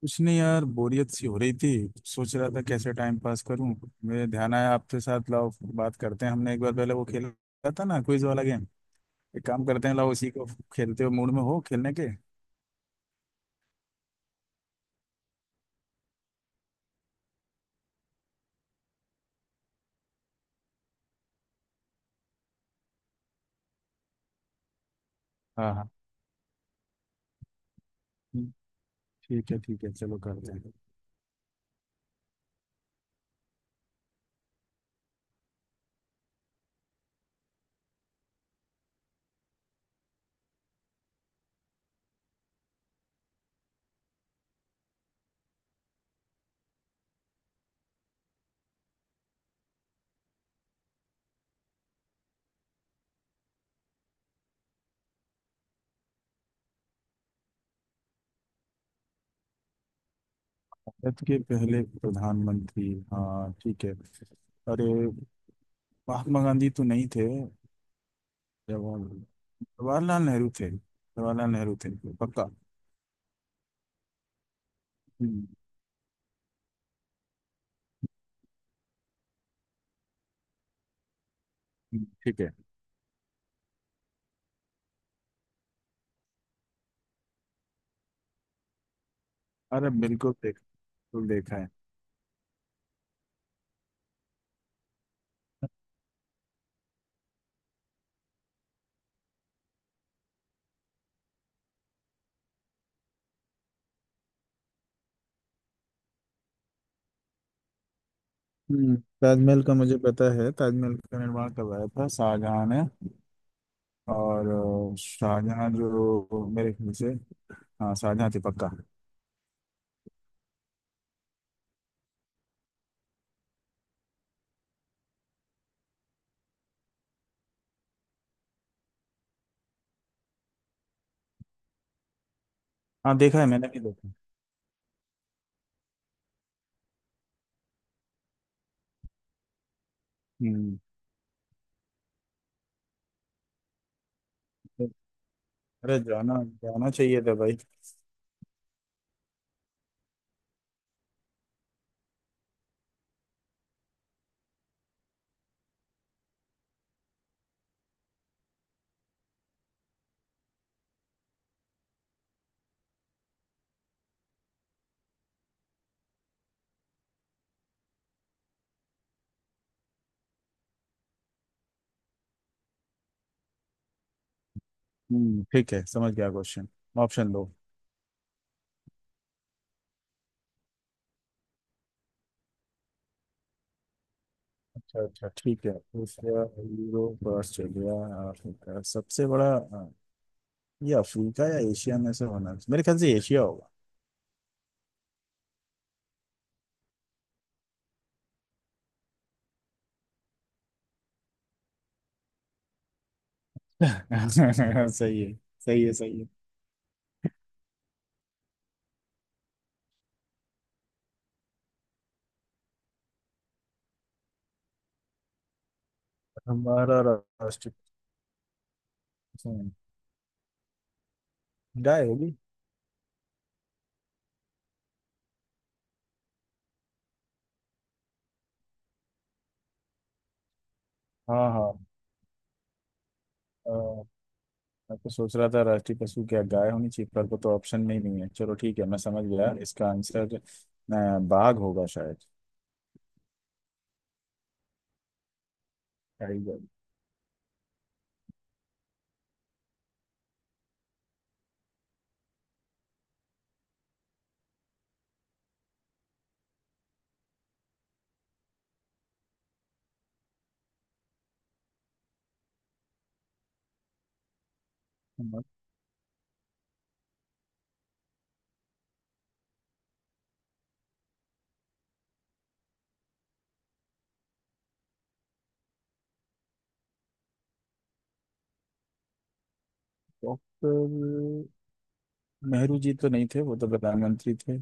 कुछ नहीं यार, बोरियत सी हो रही थी। सोच रहा था कैसे टाइम पास करूं। मेरे ध्यान आया आपके साथ लाओ बात करते हैं। हमने एक बार पहले वो खेला था ना, क्विज वाला गेम। एक काम करते हैं, लाओ उसी को खेलते हो, मूड में हो खेलने के? हाँ हाँ, ठीक है ठीक है, चलो करते हैं। भारत के पहले प्रधानमंत्री, हाँ ठीक है। अरे, महात्मा गांधी तो नहीं थे। जवाहर- जवाहरलाल नेहरू थे। जवाहरलाल नेहरू थे। पक्का। हम्म, ठीक है अरे बिल्कुल देख बिल्कुल देखा है। हम्म, ताजमहल का मुझे पता है। ताजमहल का निर्माण करवाया था शाहजहां ने। और शाहजहां जो मेरे ख्याल से, हाँ शाहजहां थे पक्का। हाँ देखा है, मैंने भी देखा। हम्म अरे, जाना जाना चाहिए था भाई। हम्म, ठीक है, समझ गया क्वेश्चन। ऑप्शन दो। अच्छा अच्छा, ठीक है। एशिया, यूरोप, ऑस्ट्रेलिया, अफ्रीका, सबसे बड़ा ये अफ्रीका या एशिया में से होना चाहिए। मेरे ख्याल से एशिया होगा। सही है। सही है सही है। हमारा राष्ट्र, गाय होगी। हाँ हाँ, अ, मैं तो सोच रहा था राष्ट्रीय पशु क्या गाय होनी चाहिए, पर वो तो ऑप्शन में ही नहीं है। चलो ठीक है, मैं समझ गया इसका आंसर बाघ होगा शायद। टाइगर। डॉक्टर, नेहरू जी तो नहीं थे, वो तो प्रधानमंत्री थे।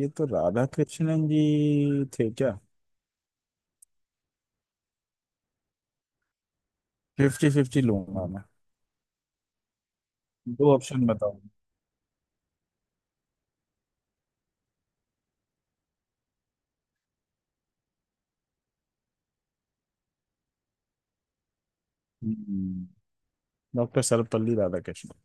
ये तो राधा कृष्णन जी थे क्या? फिफ्टी फिफ्टी लूंगा मैं। दो ऑप्शन बताओ। डॉक्टर सर्वपल्ली राधाकृष्णन।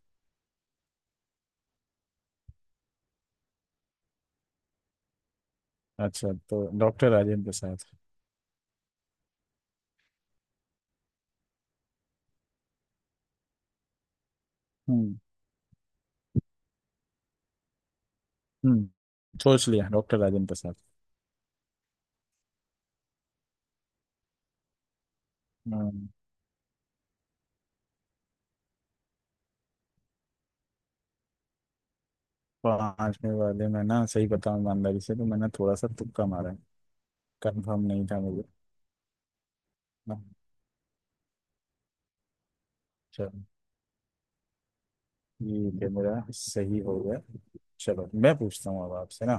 अच्छा, तो डॉक्टर राजेंद्र प्रसाद। हम्म। हम्म, सोच लिया डॉक्टर राजेंद्र प्रसाद। पांचवे वाले में ना, सही बताऊं ईमानदारी से तो मैंने थोड़ा सा तुक्का मारा है। कंफर्म नहीं था मुझे। ना। चलो, ठीक है, मेरा सही हो गया। चलो मैं पूछता हूँ अब आपसे ना।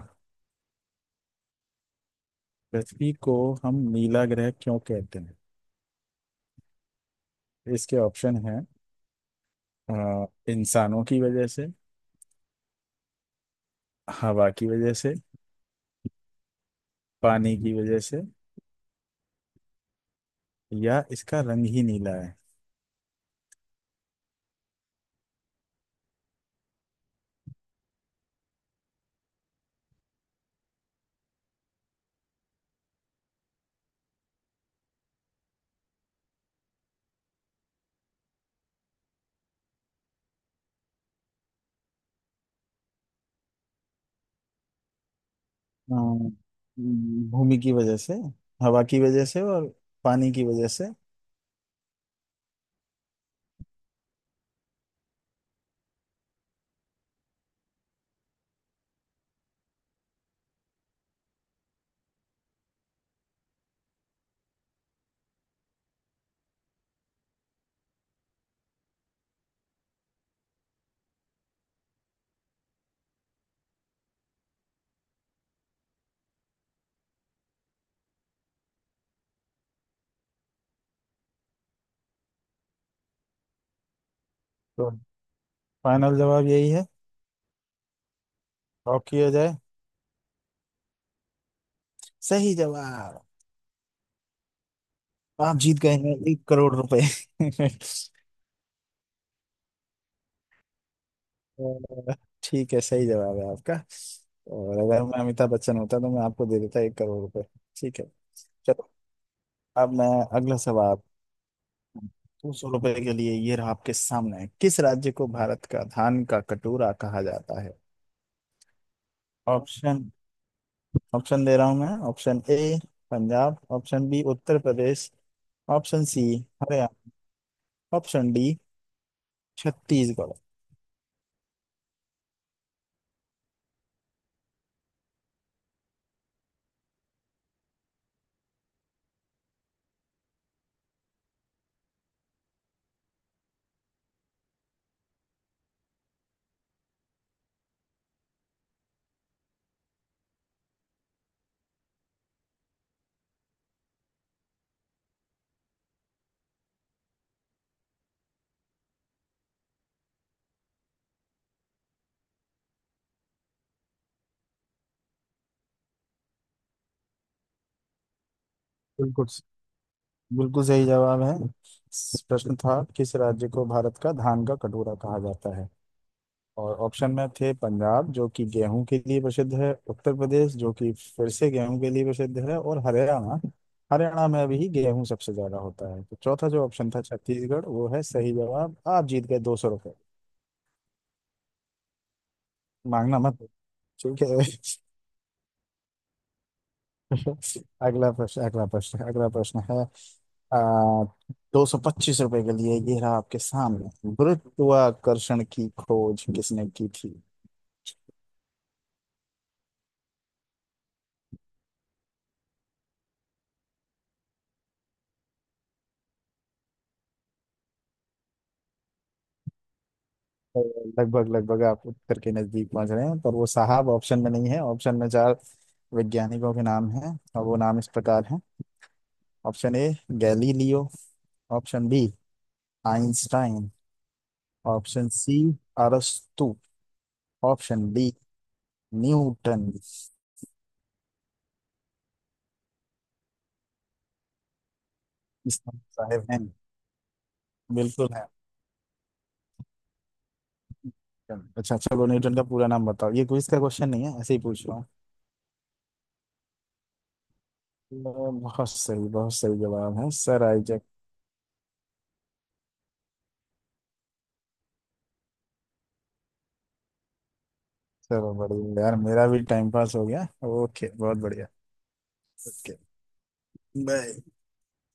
पृथ्वी को हम नीला ग्रह क्यों कहते हैं? इसके ऑप्शन हैं, अ, इंसानों की वजह से, हवा की वजह से, पानी की वजह से, या इसका रंग ही नीला है। अ, भूमि की वजह से, हवा की वजह से, और पानी की वजह से। तो फाइनल जवाब यही है? लॉक किया जाए? सही जवाब। आप जीत गए हैं 1 करोड़ रुपए। अ, ठीक है, सही जवाब है आपका। और अगर मैं अमिताभ बच्चन होता तो मैं आपको दे देता 1 करोड़ रुपए। ठीक है। चलो, अब मैं अगला सवाल। 200 रुपए के लिए ये रहा आपके सामने, किस राज्य को भारत का धान का कटोरा कहा जाता है? ऑप्शन ऑप्शन दे रहा हूं मैं। Option A Punjab, option B Uttar Pradesh, option C Haryana, option D Chhattisgarh. बिल्कुल, बिल्कुल सही जवाब है। प्रश्न था, किस राज्य को भारत का धान का कटोरा कहा जाता है? और ऑप्शन में थे पंजाब, जो कि गेहूं के लिए प्रसिद्ध है, उत्तर प्रदेश, जो कि फिर से गेहूं के लिए प्रसिद्ध है, और हरियाणा। हरियाणा में अभी गेहूं सबसे ज्यादा होता है। तो चौथा जो ऑप्शन था, छत्तीसगढ़, वो है सही जवाब। आप जीत गए 200 रुपये। मांगना मत, ठीक है। अगला प्रश्न, अगला प्रश्न, अगला प्रश्न है। 225 रुपए के लिए ये रहा आपके सामने, गुरुत्वाकर्षण की खोज किसने की थी? तो लगभग लगभग आप उत्तर के नजदीक पहुंच रहे हैं, पर वो साहब ऑप्शन में नहीं है। ऑप्शन में चार वैज्ञानिकों के नाम हैं और वो नाम इस प्रकार हैं। Option A Galileo, option B Einstein, option C अरस्तु, ऑप्शन डी न्यूटन। इसमें साहब हैं। बिल्कुल है। अच्छा, चलो न्यूटन का पूरा नाम बताओ। ये क्विज का क्वेश्चन नहीं है, ऐसे ही पूछ रहा हूँ। बहुत सही, बहुत सही जवाब है, सर आइजैक। चलो बढ़िया यार, मेरा भी टाइम पास हो गया। ओके, बहुत बढ़िया। Okay bye.